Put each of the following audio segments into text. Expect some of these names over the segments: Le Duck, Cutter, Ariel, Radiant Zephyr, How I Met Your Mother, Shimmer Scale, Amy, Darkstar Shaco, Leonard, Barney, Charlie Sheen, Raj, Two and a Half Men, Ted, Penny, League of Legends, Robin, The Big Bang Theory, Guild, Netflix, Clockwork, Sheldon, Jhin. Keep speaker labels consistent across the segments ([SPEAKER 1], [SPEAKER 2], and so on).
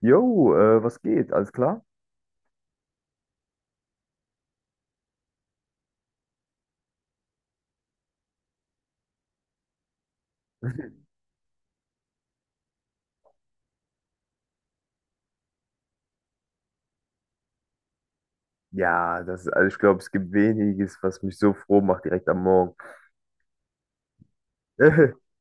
[SPEAKER 1] Jo, was geht? Alles klar? Ja, das, also ich glaube, es gibt weniges, was mich so froh macht direkt am Morgen.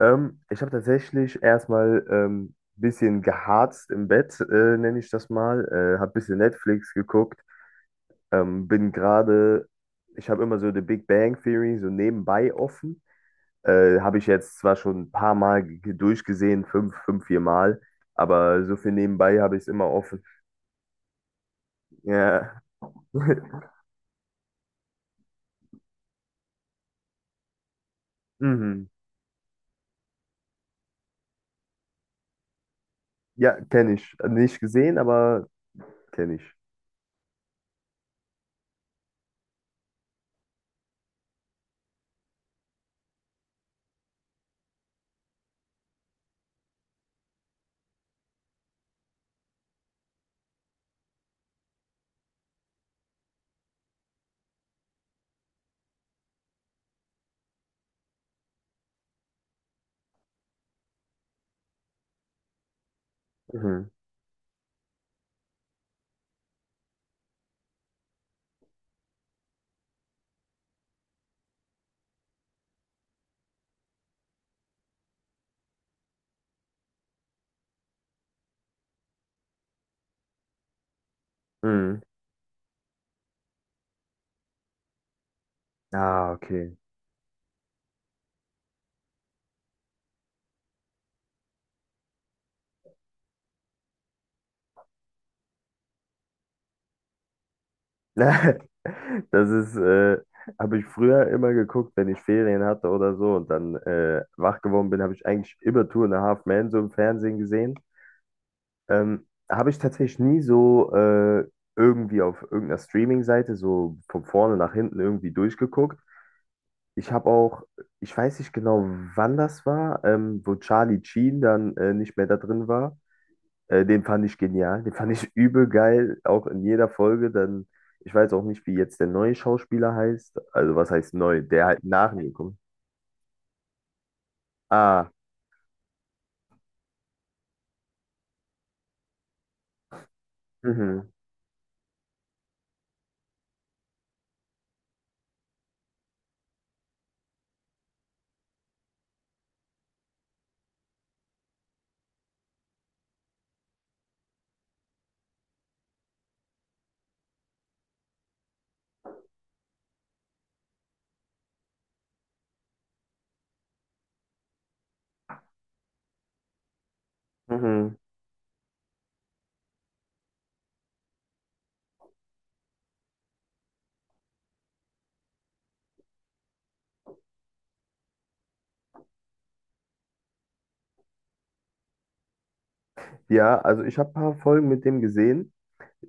[SPEAKER 1] Ich habe tatsächlich erstmal ein bisschen geharzt im Bett, nenne ich das mal. Habe ein bisschen Netflix geguckt. Ähm, bin gerade, Ich habe immer so The Big Bang Theory so nebenbei offen. Habe ich jetzt zwar schon ein paar Mal durchgesehen, fünf, vier Mal, aber so viel nebenbei habe ich es immer offen. Ja. Mhm. Ja, kenne ich. Nicht gesehen, aber kenne ich. Mhm. Mhm. Ah, okay. Das ist, äh, Habe ich früher immer geguckt, wenn ich Ferien hatte oder so und dann wach geworden bin, habe ich eigentlich immer Two and a Half Men so im Fernsehen gesehen. Habe ich tatsächlich nie so irgendwie auf irgendeiner Streaming-Seite so von vorne nach hinten irgendwie durchgeguckt. Ich habe auch, Ich weiß nicht genau, wann das war, wo Charlie Sheen dann nicht mehr da drin war. Den fand ich genial, den fand ich übel geil, auch in jeder Folge. Ich weiß auch nicht, wie jetzt der neue Schauspieler heißt. Also was heißt neu? Der halt nach mir kommt. Ah, mhm, mhm. Ja, also ich habe ein paar Folgen mit dem gesehen.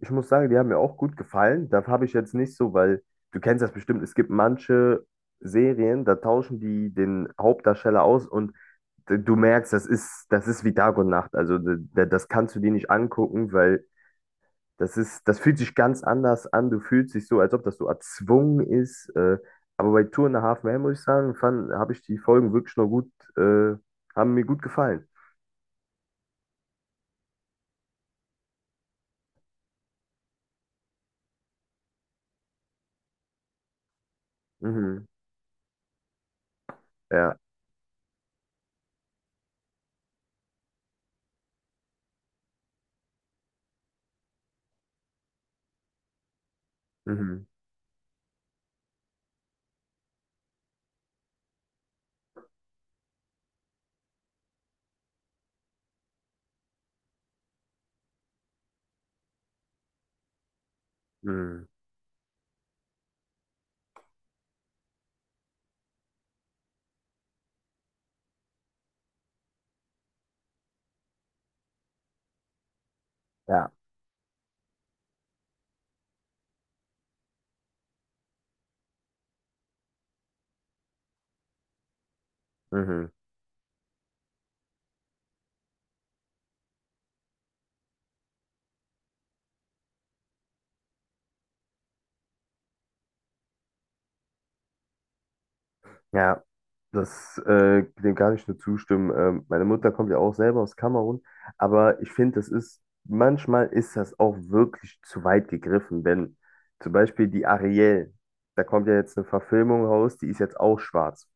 [SPEAKER 1] Ich muss sagen, die haben mir auch gut gefallen. Da habe ich jetzt nicht so, weil du kennst das bestimmt, es gibt manche Serien, da tauschen die den Hauptdarsteller aus und du merkst, das ist wie Tag und Nacht. Also das kannst du dir nicht angucken, weil das ist, das fühlt sich ganz anders an. Du fühlst dich so, als ob das so erzwungen ist. Aber bei Two and a Half Men, muss ich sagen, habe ich die Folgen wirklich noch gut, äh, haben mir gut gefallen. Mhm. Ja. Mhm. Mhm. Ja. Mhm. Ja. Dem kann ich nur zustimmen. Meine Mutter kommt ja auch selber aus Kamerun, aber ich finde, manchmal ist das auch wirklich zu weit gegriffen, wenn zum Beispiel die Ariel, da kommt ja jetzt eine Verfilmung raus, die ist jetzt auch schwarz.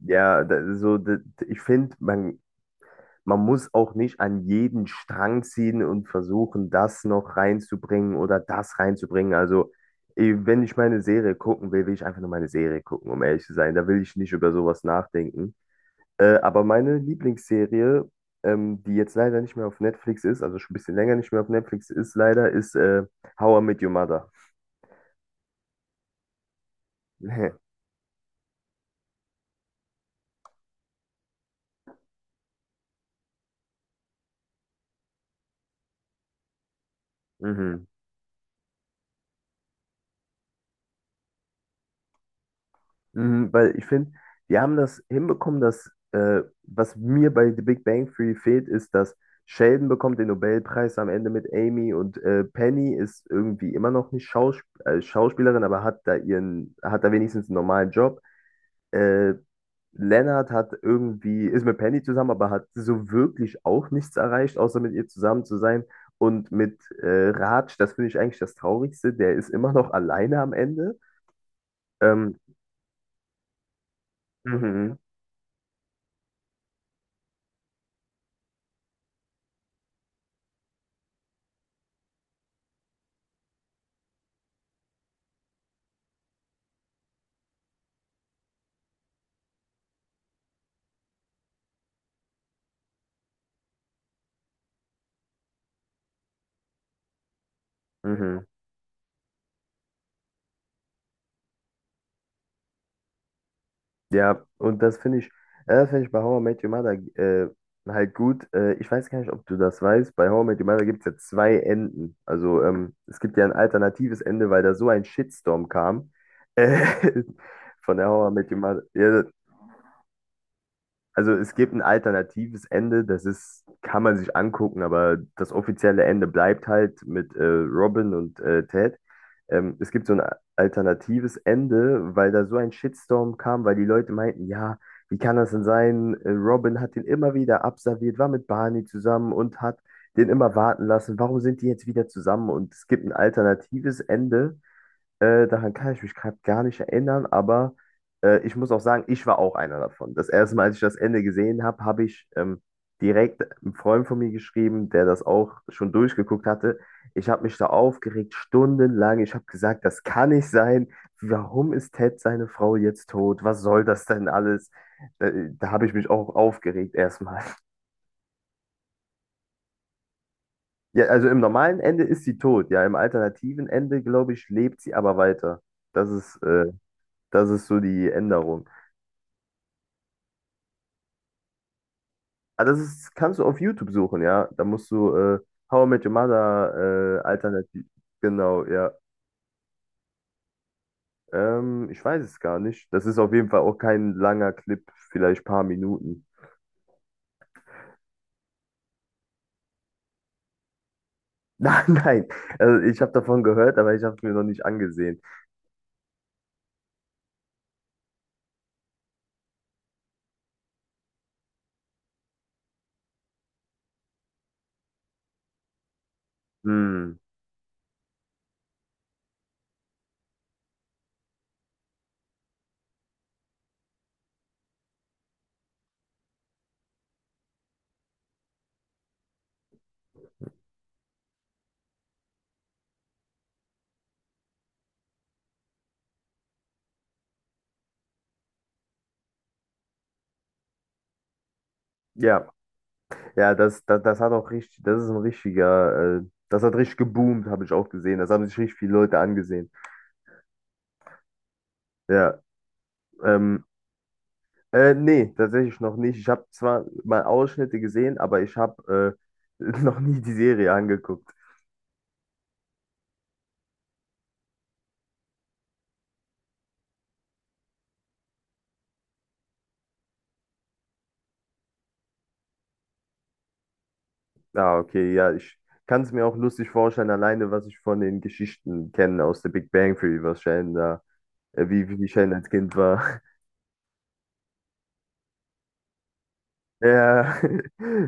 [SPEAKER 1] Ja, ich finde, man muss auch nicht an jeden Strang ziehen und versuchen, das noch reinzubringen oder das reinzubringen. Also, eh, wenn ich meine Serie gucken will, will ich einfach nur meine Serie gucken, um ehrlich zu sein. Da will ich nicht über sowas nachdenken. Aber meine Lieblingsserie, die jetzt leider nicht mehr auf Netflix ist, also schon ein bisschen länger nicht mehr auf Netflix ist, leider, ist How I Met Your Mother. Mhm. Mhm, weil ich finde, die haben das hinbekommen, dass was mir bei The Big Bang Theory fehlt, ist, dass Sheldon bekommt den Nobelpreis am Ende mit Amy und Penny ist irgendwie immer noch nicht Schauspielerin, aber hat da wenigstens einen normalen Job. Äh, Leonard hat irgendwie, ist mit Penny zusammen, aber hat so wirklich auch nichts erreicht, außer mit ihr zusammen zu sein. Und mit Raj, das finde ich eigentlich das Traurigste, der ist immer noch alleine am Ende. Ähm, mhm, mhm, mhm. Ja, das finde ich bei How I Met Your Mother halt gut. Ich weiß gar nicht, ob du das weißt. Bei How I Met Your Mother gibt es ja zwei Enden. Also es gibt ja ein alternatives Ende, weil da so ein Shitstorm kam. Äh, von der How I Met Your Mother. Ja, also es gibt ein alternatives Ende, kann man sich angucken, aber das offizielle Ende bleibt halt mit Robin und Ted. Es gibt so ein alternatives Ende, weil da so ein Shitstorm kam, weil die Leute meinten, ja, wie kann das denn sein? Robin hat den immer wieder abserviert, war mit Barney zusammen und hat den immer warten lassen. Warum sind die jetzt wieder zusammen? Und es gibt ein alternatives Ende, daran kann ich mich gerade gar nicht erinnern, aber ich muss auch sagen, ich war auch einer davon. Das erste Mal, als ich das Ende gesehen habe, habe ich direkt einem Freund von mir geschrieben, der das auch schon durchgeguckt hatte. Ich habe mich da aufgeregt, stundenlang. Ich habe gesagt, das kann nicht sein. Warum ist Ted seine Frau jetzt tot? Was soll das denn alles? Da habe ich mich auch aufgeregt erstmal. Ja, also im normalen Ende ist sie tot. Ja, im alternativen Ende, glaube ich, lebt sie aber weiter. Das ist äh, Das ist so die Änderung. Aber das ist, kannst du auf YouTube suchen, ja. Da musst du How I Met Your Mother Alternativ. Genau, ja. Ich weiß es gar nicht. Das ist auf jeden Fall auch kein langer Clip, vielleicht paar Minuten. Nein, nein. Also ich habe davon gehört, aber ich habe es mir noch nicht angesehen. Hm. Ja, das hat auch richtig, das ist ein richtiger, das hat richtig geboomt, habe ich auch gesehen. Das haben sich richtig viele Leute angesehen. Ja, ähm, nee, tatsächlich noch nicht. Ich habe zwar mal Ausschnitte gesehen, aber ich habe noch nie die Serie angeguckt. Ah, okay, ja, ich kann es mir auch lustig vorstellen, alleine was ich von den Geschichten kenne aus der Big Bang Theory, wie, wie Sheldon als Kind war. Ja,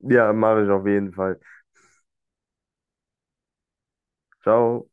[SPEAKER 1] ja, mache ich auf jeden Fall. Ciao.